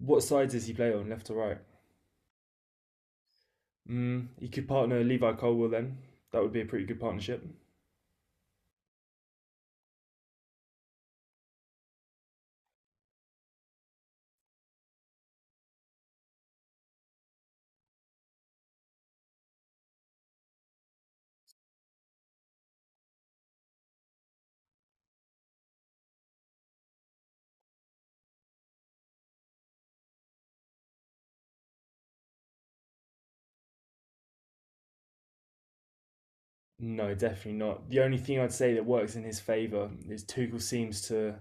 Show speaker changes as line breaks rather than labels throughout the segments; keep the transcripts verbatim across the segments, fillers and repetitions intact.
What sides does he play on, left or right? Mm, he could partner Levi Colwill then. That would be a pretty good partnership. No, definitely not. The only thing I'd say that works in his favour is Tuchel seems to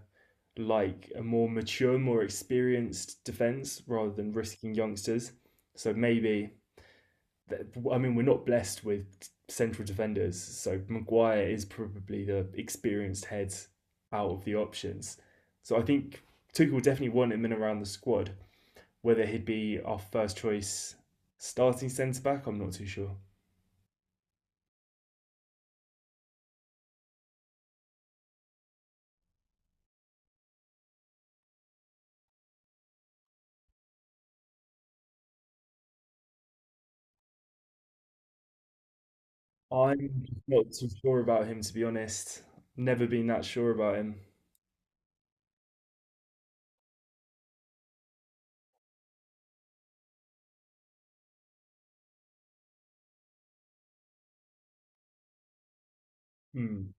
like a more mature, more experienced defence rather than risking youngsters. So maybe, I mean, we're not blessed with central defenders. So Maguire is probably the experienced head out of the options. So I think Tuchel will definitely want him in around the squad. Whether he'd be our first choice starting centre back, I'm not too sure. I'm not too sure about him, to be honest. Never been that sure about him. Hmm.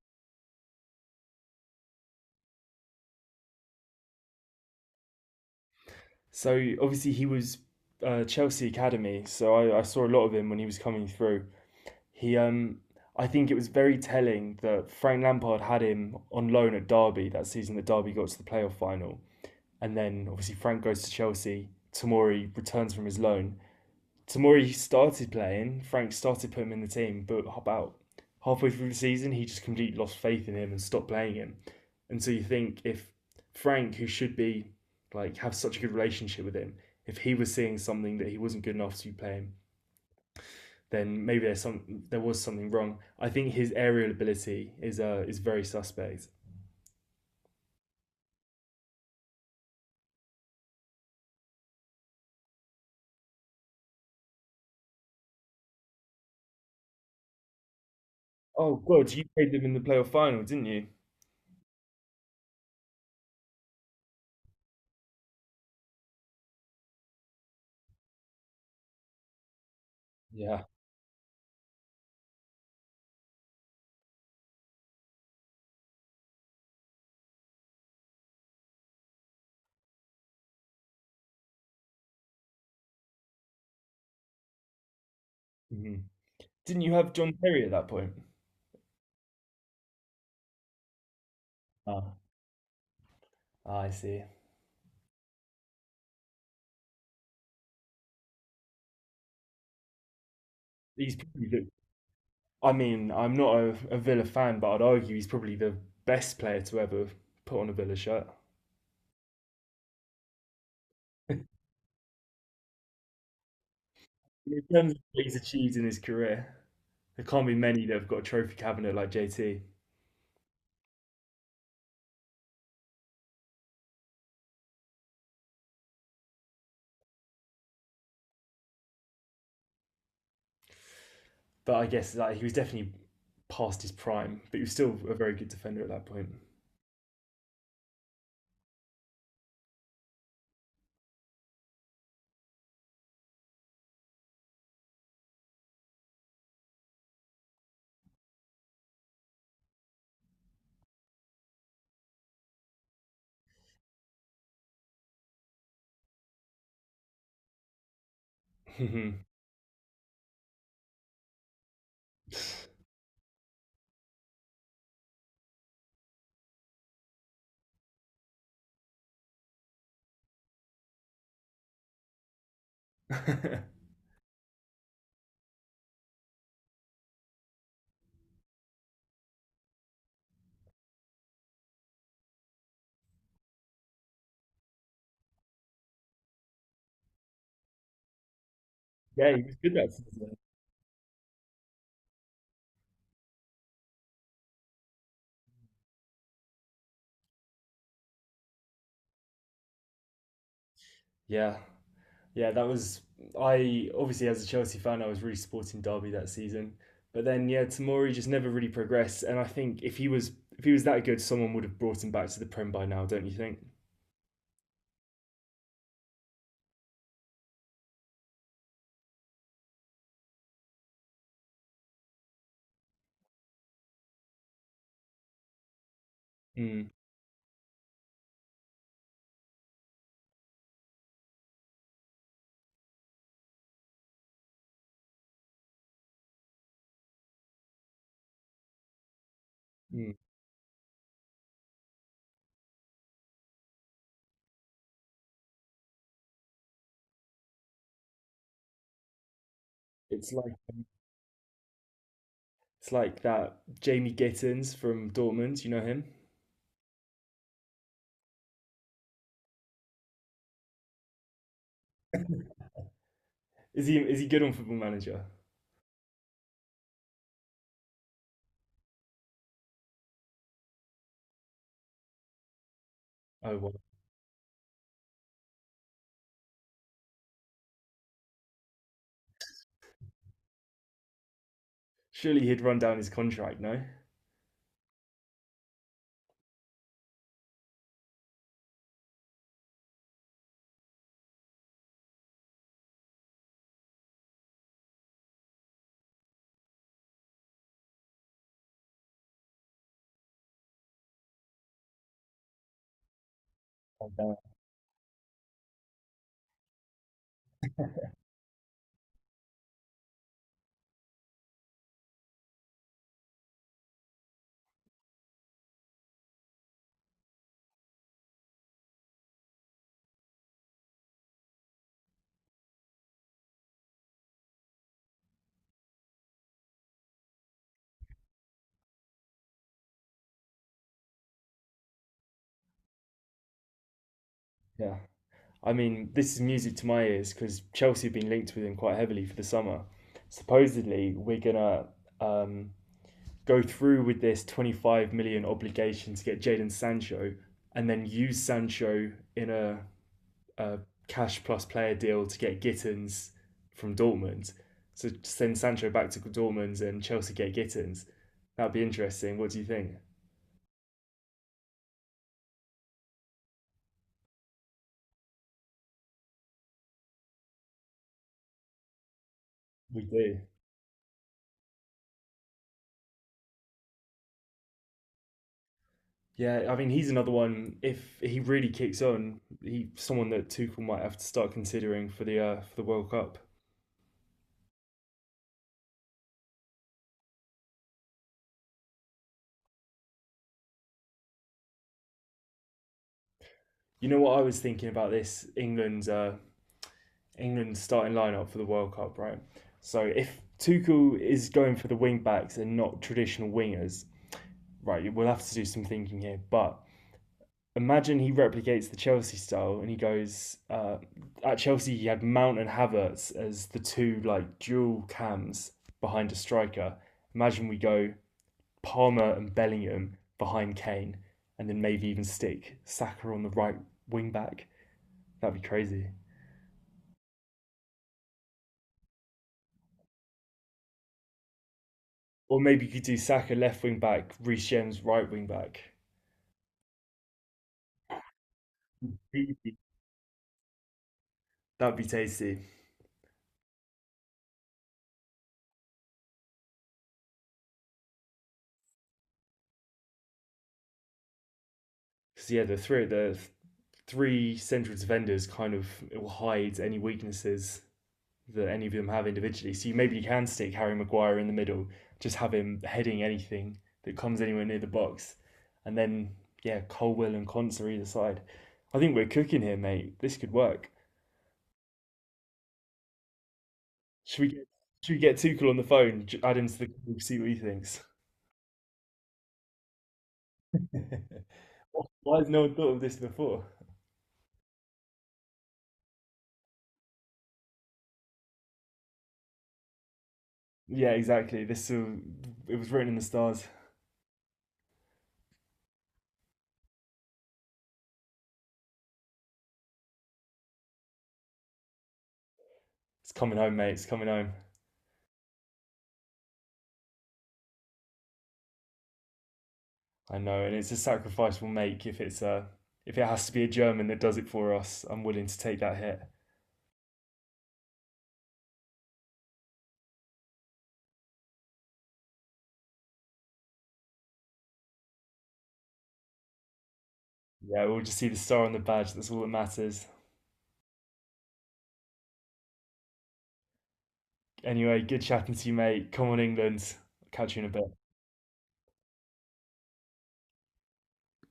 So obviously he was uh, Chelsea academy, so I, I saw a lot of him when he was coming through. He, um, I think it was very telling that Frank Lampard had him on loan at Derby that season that Derby got to the playoff final, and then obviously Frank goes to Chelsea. Tamori returns from his loan, Tamori started playing. Frank started putting him in the team, but about halfway through the season, he just completely lost faith in him and stopped playing him. And so you think if Frank, who should be like have such a good relationship with him, if he was seeing something that he wasn't good enough to play him, then maybe there's some there was something wrong. I think his aerial ability is uh is very suspect. Oh God, you played them in the playoff final, didn't you? Yeah. Hmm. Didn't you have John Terry at that point? Ah, I see. He's probably the, I mean, I'm not a, a Villa fan, but I'd argue he's probably the best player to ever put on a Villa shirt. In terms of what he's achieved in his career, there can't be many that have got a trophy cabinet like J T. But I guess like, he was definitely past his prime, but he was still a very good defender at that point. Yeah, he was good that season. Yeah. Yeah, that was I obviously as a Chelsea fan I was really supporting Derby that season. But then yeah, Tamori just never really progressed and I think if he was if he was that good someone would have brought him back to the Prem by now, don't you think? Mm, mm. It's like it's like that Jamie Gittins from Dortmund, you know him? Is he is he good on Football Manager? Oh well. Surely he'd run down his contract, no? Uh, yeah. I mean, this is music to my ears because Chelsea have been linked with him quite heavily for the summer. Supposedly, we're gonna um, go through with this twenty-five million obligation to get Jadon Sancho, and then use Sancho in a, a cash plus player deal to get Gittins from Dortmund. So send Sancho back to Dortmund and Chelsea get Gittins. That'd be interesting. What do you think? We do. Yeah, I mean he's another one. If he really kicks on, he someone that Tuchel might have to start considering for the uh, for the World Cup. You know what I was thinking about this England's uh, England's starting lineup for the World Cup, right? So if Tuchel is going for the wing backs and not traditional wingers, right? We'll have to do some thinking here. But imagine he replicates the Chelsea style and he goes uh, at Chelsea he had Mount and Havertz as the two like dual cams behind a striker. Imagine we go Palmer and Bellingham behind Kane, and then maybe even stick Saka on the right wing back. That'd be crazy. Or maybe you could do Saka left wing back, Reece James right wing back. That'd be tasty. Because yeah, the three the three central defenders kind of it will hide any weaknesses that any of them have individually. So you maybe you can stick Harry Maguire in the middle, just have him heading anything that comes anywhere near the box, and then yeah, Colwell and Conts are either side. I think we're cooking here, mate. This could work. Should we get should we get Tuchel on the phone, add him to the call, see what he thinks? Why has no one thought of this before? Yeah, exactly. This will, it was written in the stars. It's coming home, mate. It's coming home. I know, and it's a sacrifice we'll make if it's a if it has to be a German that does it for us. I'm willing to take that hit. Yeah, we'll just see the star on the badge. That's all that matters. Anyway, good chatting to you, mate. Come on, England. Catch you in a bit.